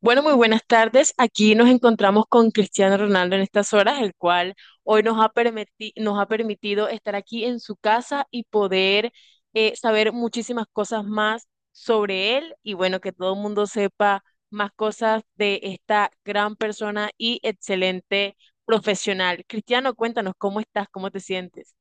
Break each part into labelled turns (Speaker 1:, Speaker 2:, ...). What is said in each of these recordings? Speaker 1: Bueno, muy buenas tardes. Aquí nos encontramos con Cristiano Ronaldo en estas horas, el cual hoy nos ha permitido estar aquí en su casa y poder saber muchísimas cosas más sobre él y bueno, que todo el mundo sepa más cosas de esta gran persona y excelente profesional. Cristiano, cuéntanos, ¿cómo estás? ¿Cómo te sientes?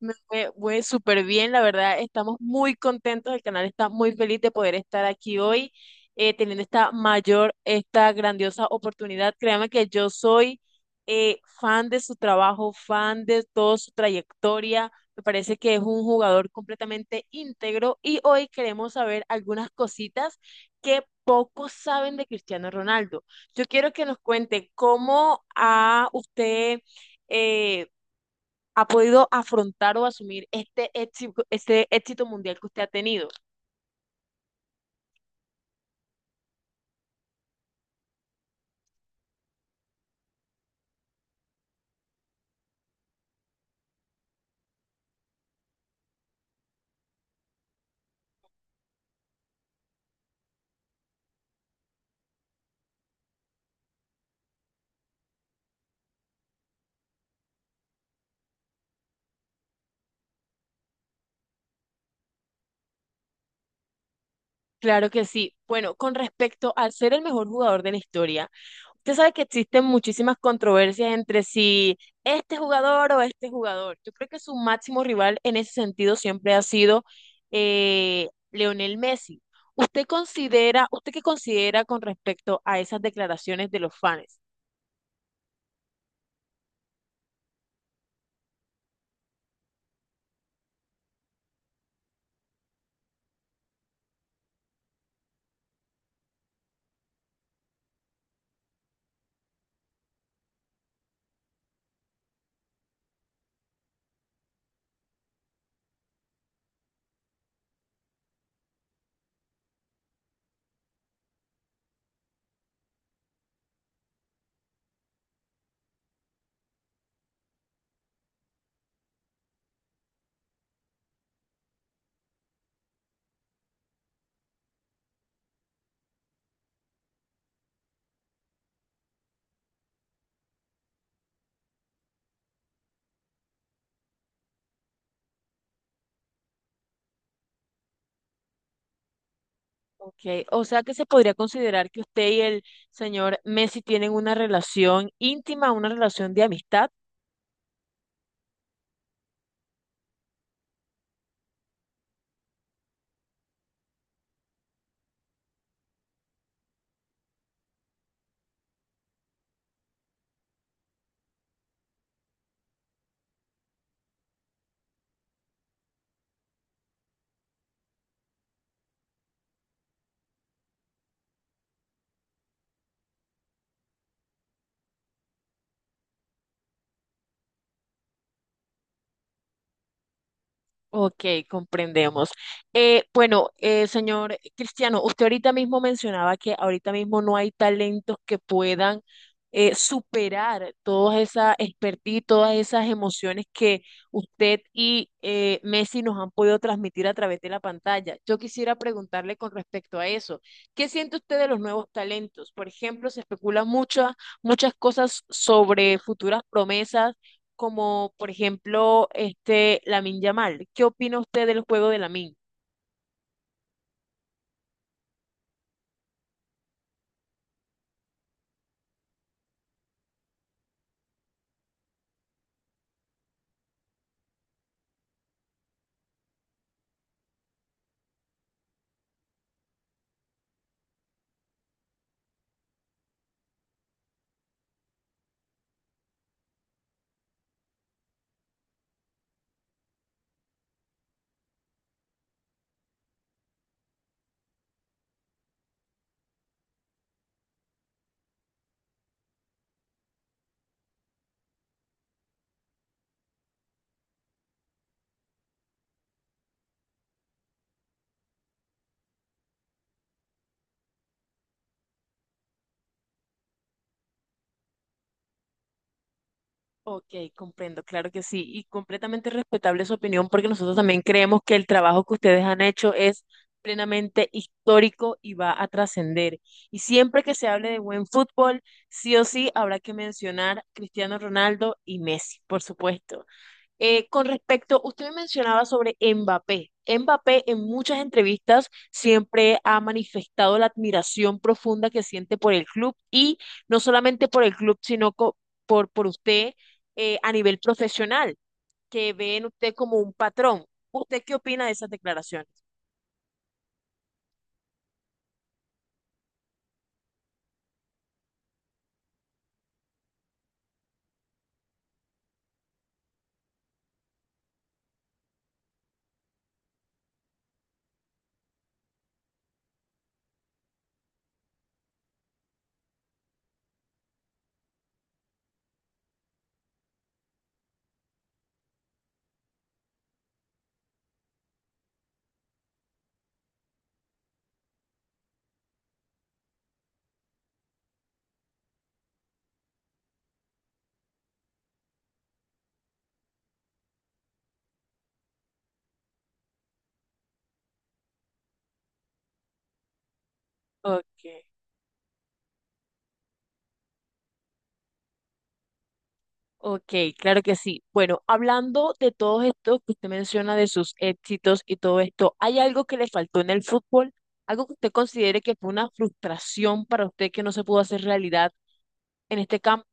Speaker 1: Me fue súper bien, la verdad, estamos muy contentos, el canal está muy feliz de poder estar aquí hoy, teniendo esta mayor, esta grandiosa oportunidad. Créame que yo soy fan de su trabajo, fan de toda su trayectoria, me parece que es un jugador completamente íntegro y hoy queremos saber algunas cositas que pocos saben de Cristiano Ronaldo. Yo quiero que nos cuente cómo a usted eh, ha podido afrontar o asumir este éxito mundial que usted ha tenido. Claro que sí. Bueno, con respecto al ser el mejor jugador de la historia, usted sabe que existen muchísimas controversias entre si este jugador o este jugador. Yo creo que su máximo rival en ese sentido siempre ha sido Leonel Messi. ¿Usted considera, usted qué considera con respecto a esas declaraciones de los fans? Ok, o sea que se podría considerar que usted y el señor Messi tienen una relación íntima, una relación de amistad. Ok, comprendemos. Bueno, señor Cristiano, usted ahorita mismo mencionaba que ahorita mismo no hay talentos que puedan superar todas esas expertise, todas esas emociones que usted y Messi nos han podido transmitir a través de la pantalla. Yo quisiera preguntarle con respecto a eso, ¿qué siente usted de los nuevos talentos? Por ejemplo, se especulan muchas cosas sobre futuras promesas como por ejemplo este Lamine Yamal. ¿Qué opina usted del juego de Lamine? Ok, comprendo, claro que sí, y completamente respetable su opinión porque nosotros también creemos que el trabajo que ustedes han hecho es plenamente histórico y va a trascender. Y siempre que se hable de buen fútbol, sí o sí habrá que mencionar Cristiano Ronaldo y Messi, por supuesto. Con respecto, usted me mencionaba sobre Mbappé. Mbappé en muchas entrevistas siempre ha manifestado la admiración profunda que siente por el club y no solamente por el club, por usted a nivel profesional, que ve en usted como un patrón. ¿Usted qué opina de esas declaraciones? Ok. Ok, claro que sí. Bueno, hablando de todo esto que usted menciona, de sus éxitos y todo esto, ¿hay algo que le faltó en el fútbol? ¿Algo que usted considere que fue una frustración para usted que no se pudo hacer realidad en este campo?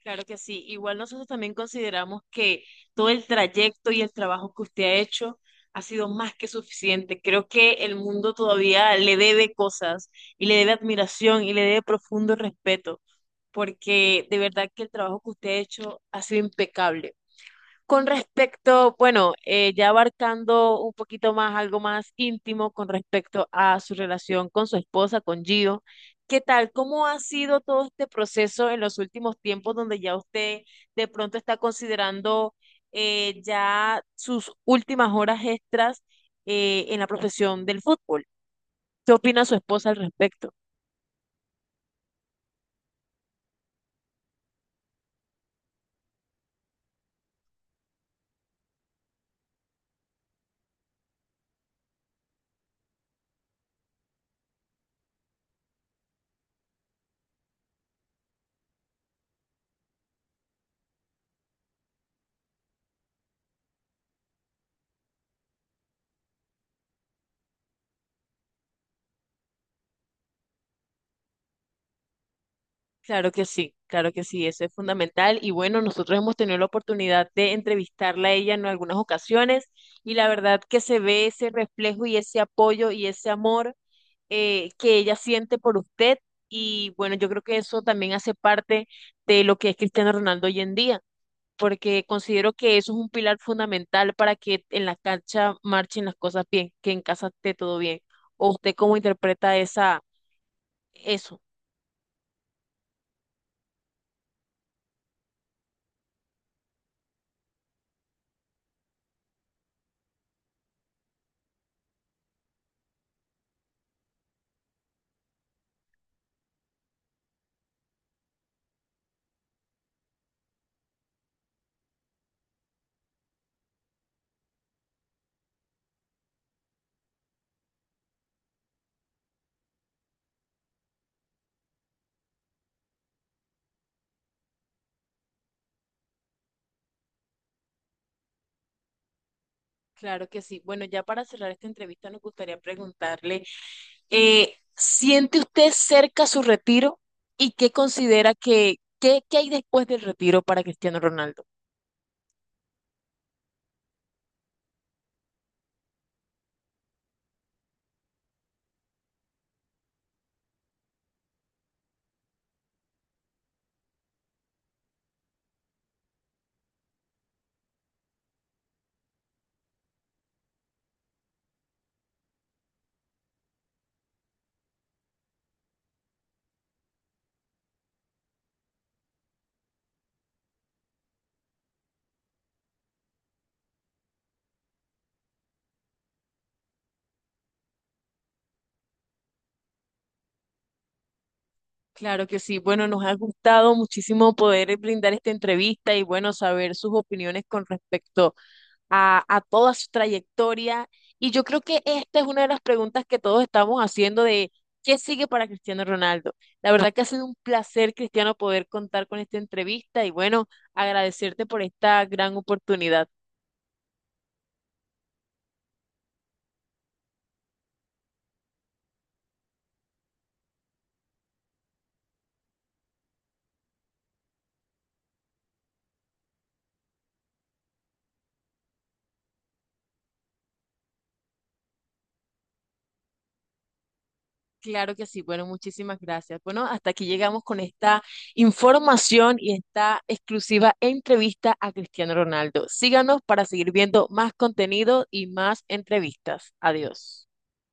Speaker 1: Claro que sí. Igual nosotros también consideramos que todo el trayecto y el trabajo que usted ha hecho ha sido más que suficiente. Creo que el mundo todavía le debe cosas y le debe admiración y le debe profundo respeto, porque de verdad que el trabajo que usted ha hecho ha sido impecable. Con respecto, bueno, ya abarcando un poquito más, algo más íntimo con respecto a su relación con su esposa, con Gio, ¿qué tal? ¿Cómo ha sido todo este proceso en los últimos tiempos donde ya usted de pronto está considerando ya sus últimas horas extras en la profesión del fútbol? ¿Qué opina su esposa al respecto? Claro que sí, eso es fundamental. Y bueno, nosotros hemos tenido la oportunidad de entrevistarla a ella en algunas ocasiones y la verdad que se ve ese reflejo y ese apoyo y ese amor que ella siente por usted. Y bueno, yo creo que eso también hace parte de lo que es Cristiano Ronaldo hoy en día, porque considero que eso es un pilar fundamental para que en la cancha marchen las cosas bien, que en casa esté todo bien. ¿O usted cómo interpreta esa, eso? Claro que sí. Bueno, ya para cerrar esta entrevista nos gustaría preguntarle, ¿siente usted cerca su retiro y qué considera que, qué, qué hay después del retiro para Cristiano Ronaldo? Claro que sí. Bueno, nos ha gustado muchísimo poder brindar esta entrevista y bueno, saber sus opiniones con respecto a toda su trayectoria. Y yo creo que esta es una de las preguntas que todos estamos haciendo de qué sigue para Cristiano Ronaldo. La verdad que ha sido un placer, Cristiano, poder contar con esta entrevista y bueno, agradecerte por esta gran oportunidad. Claro que sí, bueno, muchísimas gracias. Bueno, hasta aquí llegamos con esta información y esta exclusiva entrevista a Cristiano Ronaldo. Síganos para seguir viendo más contenido y más entrevistas. Adiós.